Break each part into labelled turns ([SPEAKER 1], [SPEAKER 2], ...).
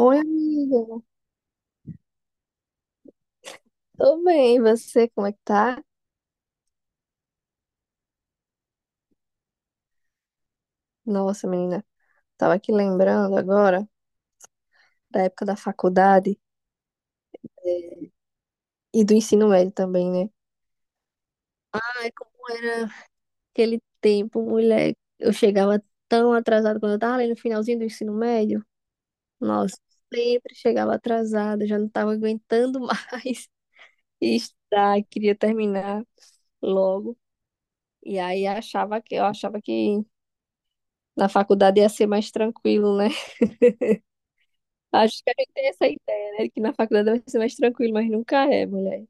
[SPEAKER 1] Oi, amiga. Tô bem, e você, como é que tá? Nossa, menina, tava aqui lembrando agora da época da faculdade eh, e do ensino médio também, né? Ai, como era aquele tempo, mulher. Eu chegava tão atrasada quando eu tava ali no finalzinho do ensino médio. Nossa, sempre chegava atrasada, já não tava aguentando mais estudar, queria terminar logo. E aí achava que na faculdade ia ser mais tranquilo, né? Acho que a gente tem essa ideia, né? Que na faculdade vai ser mais tranquilo, mas nunca é, mulher.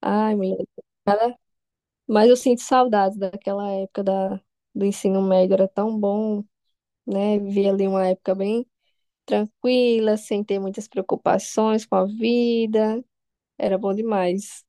[SPEAKER 1] Ai, mulher. Mas eu sinto saudades daquela época do ensino médio, era tão bom, né? Viver ali uma época bem tranquila, sem ter muitas preocupações com a vida. Era bom demais.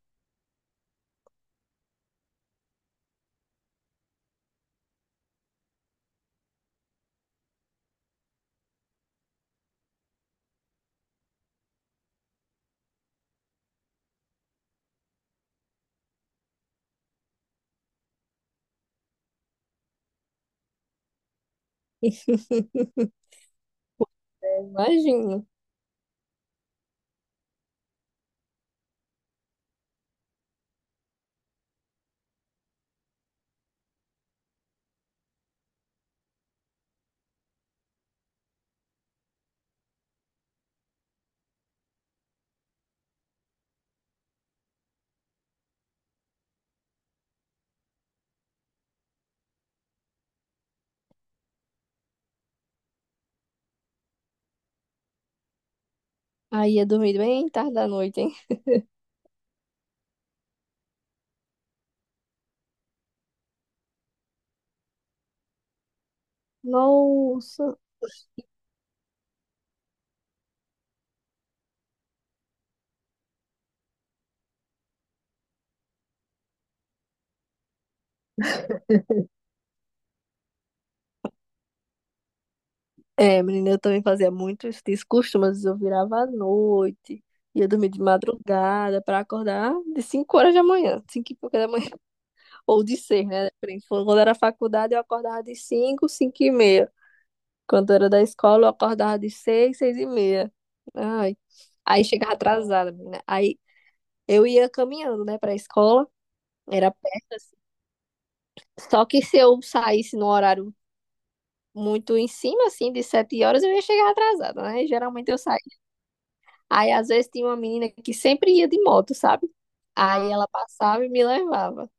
[SPEAKER 1] Imagino. Aí ia dormir bem tarde da noite, hein? Nossa. É, menina, eu também fazia muito isso, descostume, mas eu virava à noite, ia dormir de madrugada pra acordar de 5 horas da manhã, 5 e pouca da manhã, ou de 6, né? Depende. Quando era faculdade, eu acordava de 5, 5 e meia. Quando era da escola, eu acordava de 6, 6 e meia. Ai, aí chegava atrasada, menina. Aí eu ia caminhando, né, pra escola, era perto, assim. Só que se eu saísse num horário muito em cima, assim, de 7 horas, eu ia chegar atrasada, né? Geralmente eu saía. Aí às vezes tinha uma menina que sempre ia de moto, sabe? Aí ela passava e me levava.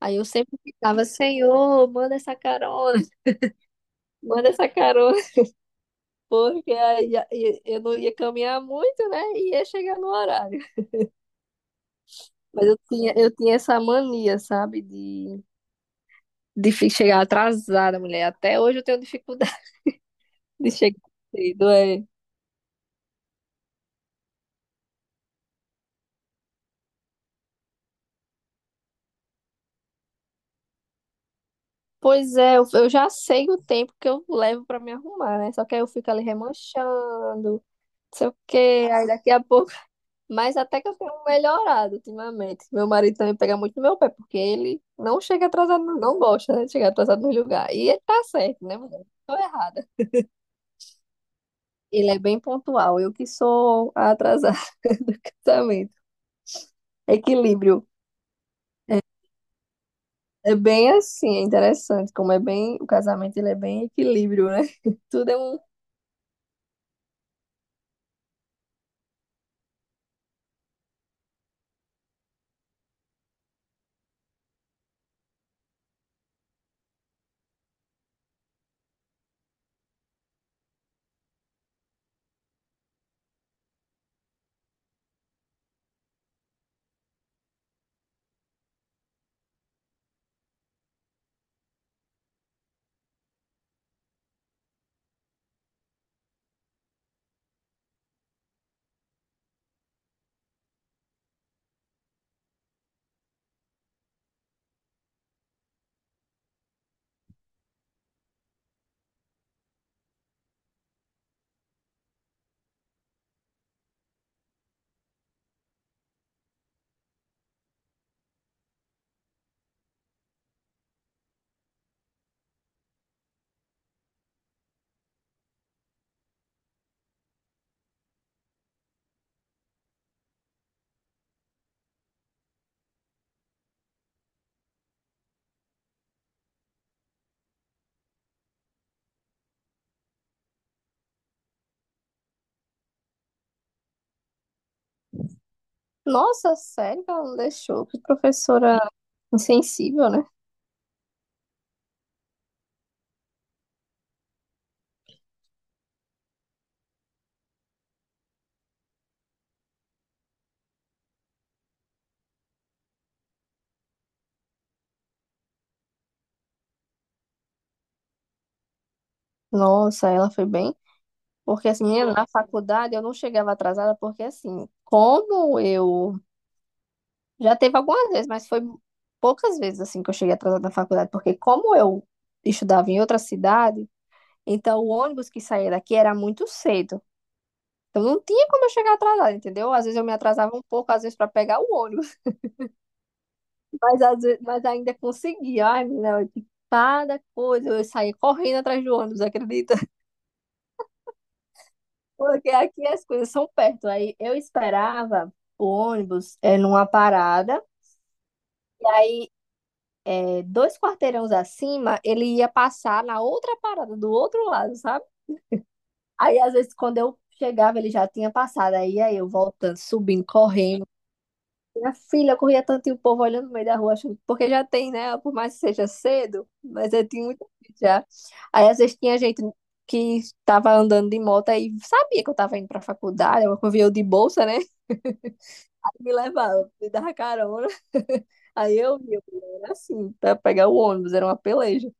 [SPEAKER 1] Aí eu sempre ficava, Senhor, manda essa carona, manda essa carona, porque aí eu não ia caminhar muito, né? E ia chegar no horário. Mas eu tinha essa mania, sabe? De chegar atrasada, mulher. Até hoje eu tenho dificuldade de chegar cedo, é. Pois é, eu já sei o tempo que eu levo pra me arrumar, né? Só que aí eu fico ali remanchando, não sei o quê. Aí daqui a pouco. Mas até que eu tenho melhorado ultimamente. Meu marido também pega muito no meu pé, porque ele não chega atrasado, não gosta, né, de chegar atrasado no lugar. E ele tá certo, né, mulher? Tô errada. Ele é bem pontual, eu que sou a atrasada do casamento. Equilíbrio. É bem assim, é interessante como é bem, o casamento ele é bem equilíbrio, né? Tudo é um. Nossa, sério que ela não deixou? Que professora insensível, né? Nossa, ela foi bem. Porque assim, menino, na faculdade eu não chegava atrasada, porque assim, como eu já teve algumas vezes, mas foi poucas vezes assim que eu cheguei atrasada na faculdade, porque como eu estudava em outra cidade, então o ônibus que saía daqui era muito cedo. Então não tinha como eu chegar atrasada, entendeu? Às vezes eu me atrasava um pouco, às vezes para pegar o ônibus, mas às vezes, mas ainda conseguia. Ai, menina, eu- cada coisa, eu saía correndo atrás do ônibus, acredita? Porque aqui as coisas são perto. Aí eu esperava o ônibus numa parada, e aí 2 quarteirões acima, ele ia passar na outra parada do outro lado, sabe? Aí às vezes quando eu chegava, ele já tinha passado. Aí eu voltando, subindo, correndo. Minha filha, eu corria tanto e o povo olhando no meio da rua, achando, porque já tem, né? Por mais que seja cedo, mas eu tinha muita gente já. Aí às vezes tinha gente que estava andando de moto e sabia que eu estava indo para a faculdade, eu de bolsa, né? Me levava, me dava carona. Aí eu ia, era assim, pra pegar o ônibus, era uma peleja.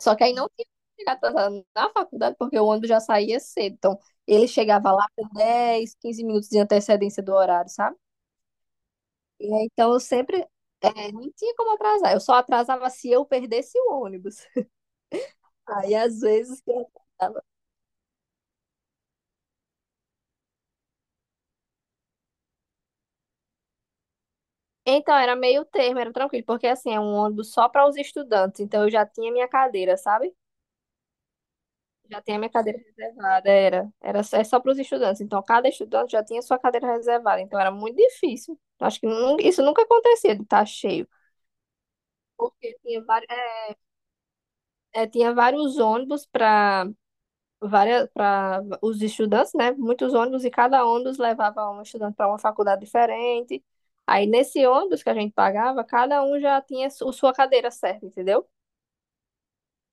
[SPEAKER 1] Só que aí não tinha como chegar atrasado na faculdade, porque o ônibus já saía cedo. Então, ele chegava lá com 10, 15 minutos de antecedência do horário, sabe? E aí, então eu sempre. É, não tinha como atrasar. Eu só atrasava se eu perdesse o ônibus. Aí, às vezes, que eu atrasava. Então, era meio termo, era tranquilo, porque assim, é um ônibus só para os estudantes. Então, eu já tinha minha cadeira, sabe? Já tinha minha cadeira reservada, era. Era só- é só para os estudantes. Então, cada estudante já tinha sua cadeira reservada. Então, era muito difícil. Eu acho que nun- isso nunca acontecia de estar cheio. Porque tinha, vari- tinha vários ônibus para várias, para os estudantes, né? Muitos ônibus, e cada ônibus levava um estudante para uma faculdade diferente. Aí, nesse ônibus que a gente pagava, cada um já tinha su- sua cadeira certa, entendeu?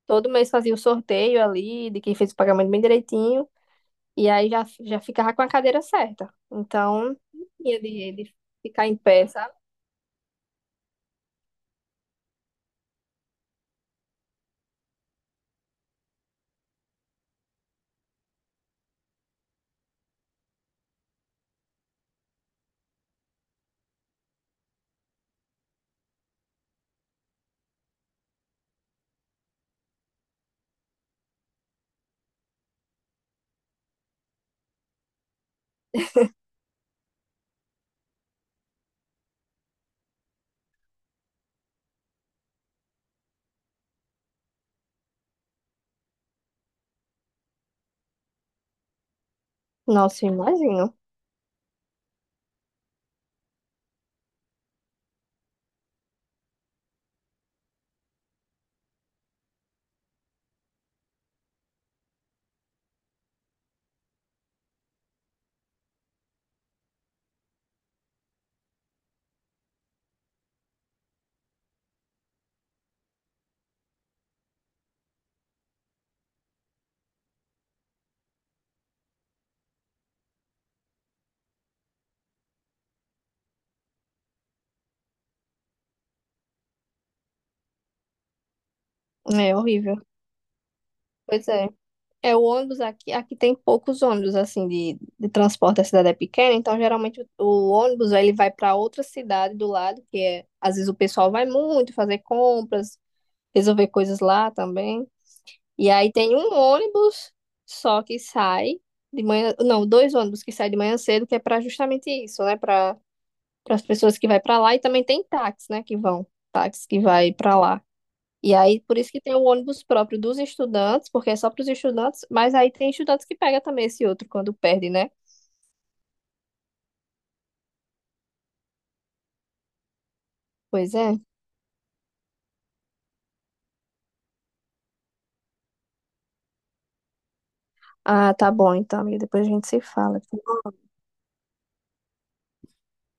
[SPEAKER 1] Todo mês fazia o sorteio ali, de quem fez o pagamento bem direitinho. E aí já ficava com a cadeira certa. Então, ia de ficar em pé, sabe? Nossa, imagino. É horrível. Pois é. É, o ônibus aqui, aqui tem poucos ônibus, assim, de transporte, a cidade é pequena, então geralmente o ônibus, ele vai para outra cidade do lado, que é, às vezes o pessoal vai muito fazer compras, resolver coisas lá também. E aí tem um ônibus só que sai de manhã, não, 2 ônibus que saem de manhã cedo, que é para justamente isso, né, para as pessoas que vai para lá e também tem táxi, né, que vão, táxi que vai para lá. E aí por isso que tem o ônibus próprio dos estudantes, porque é só para os estudantes, mas aí tem estudantes que pega também esse outro quando perde, né? Pois é. Ah, tá bom então, amiga, depois a gente se fala.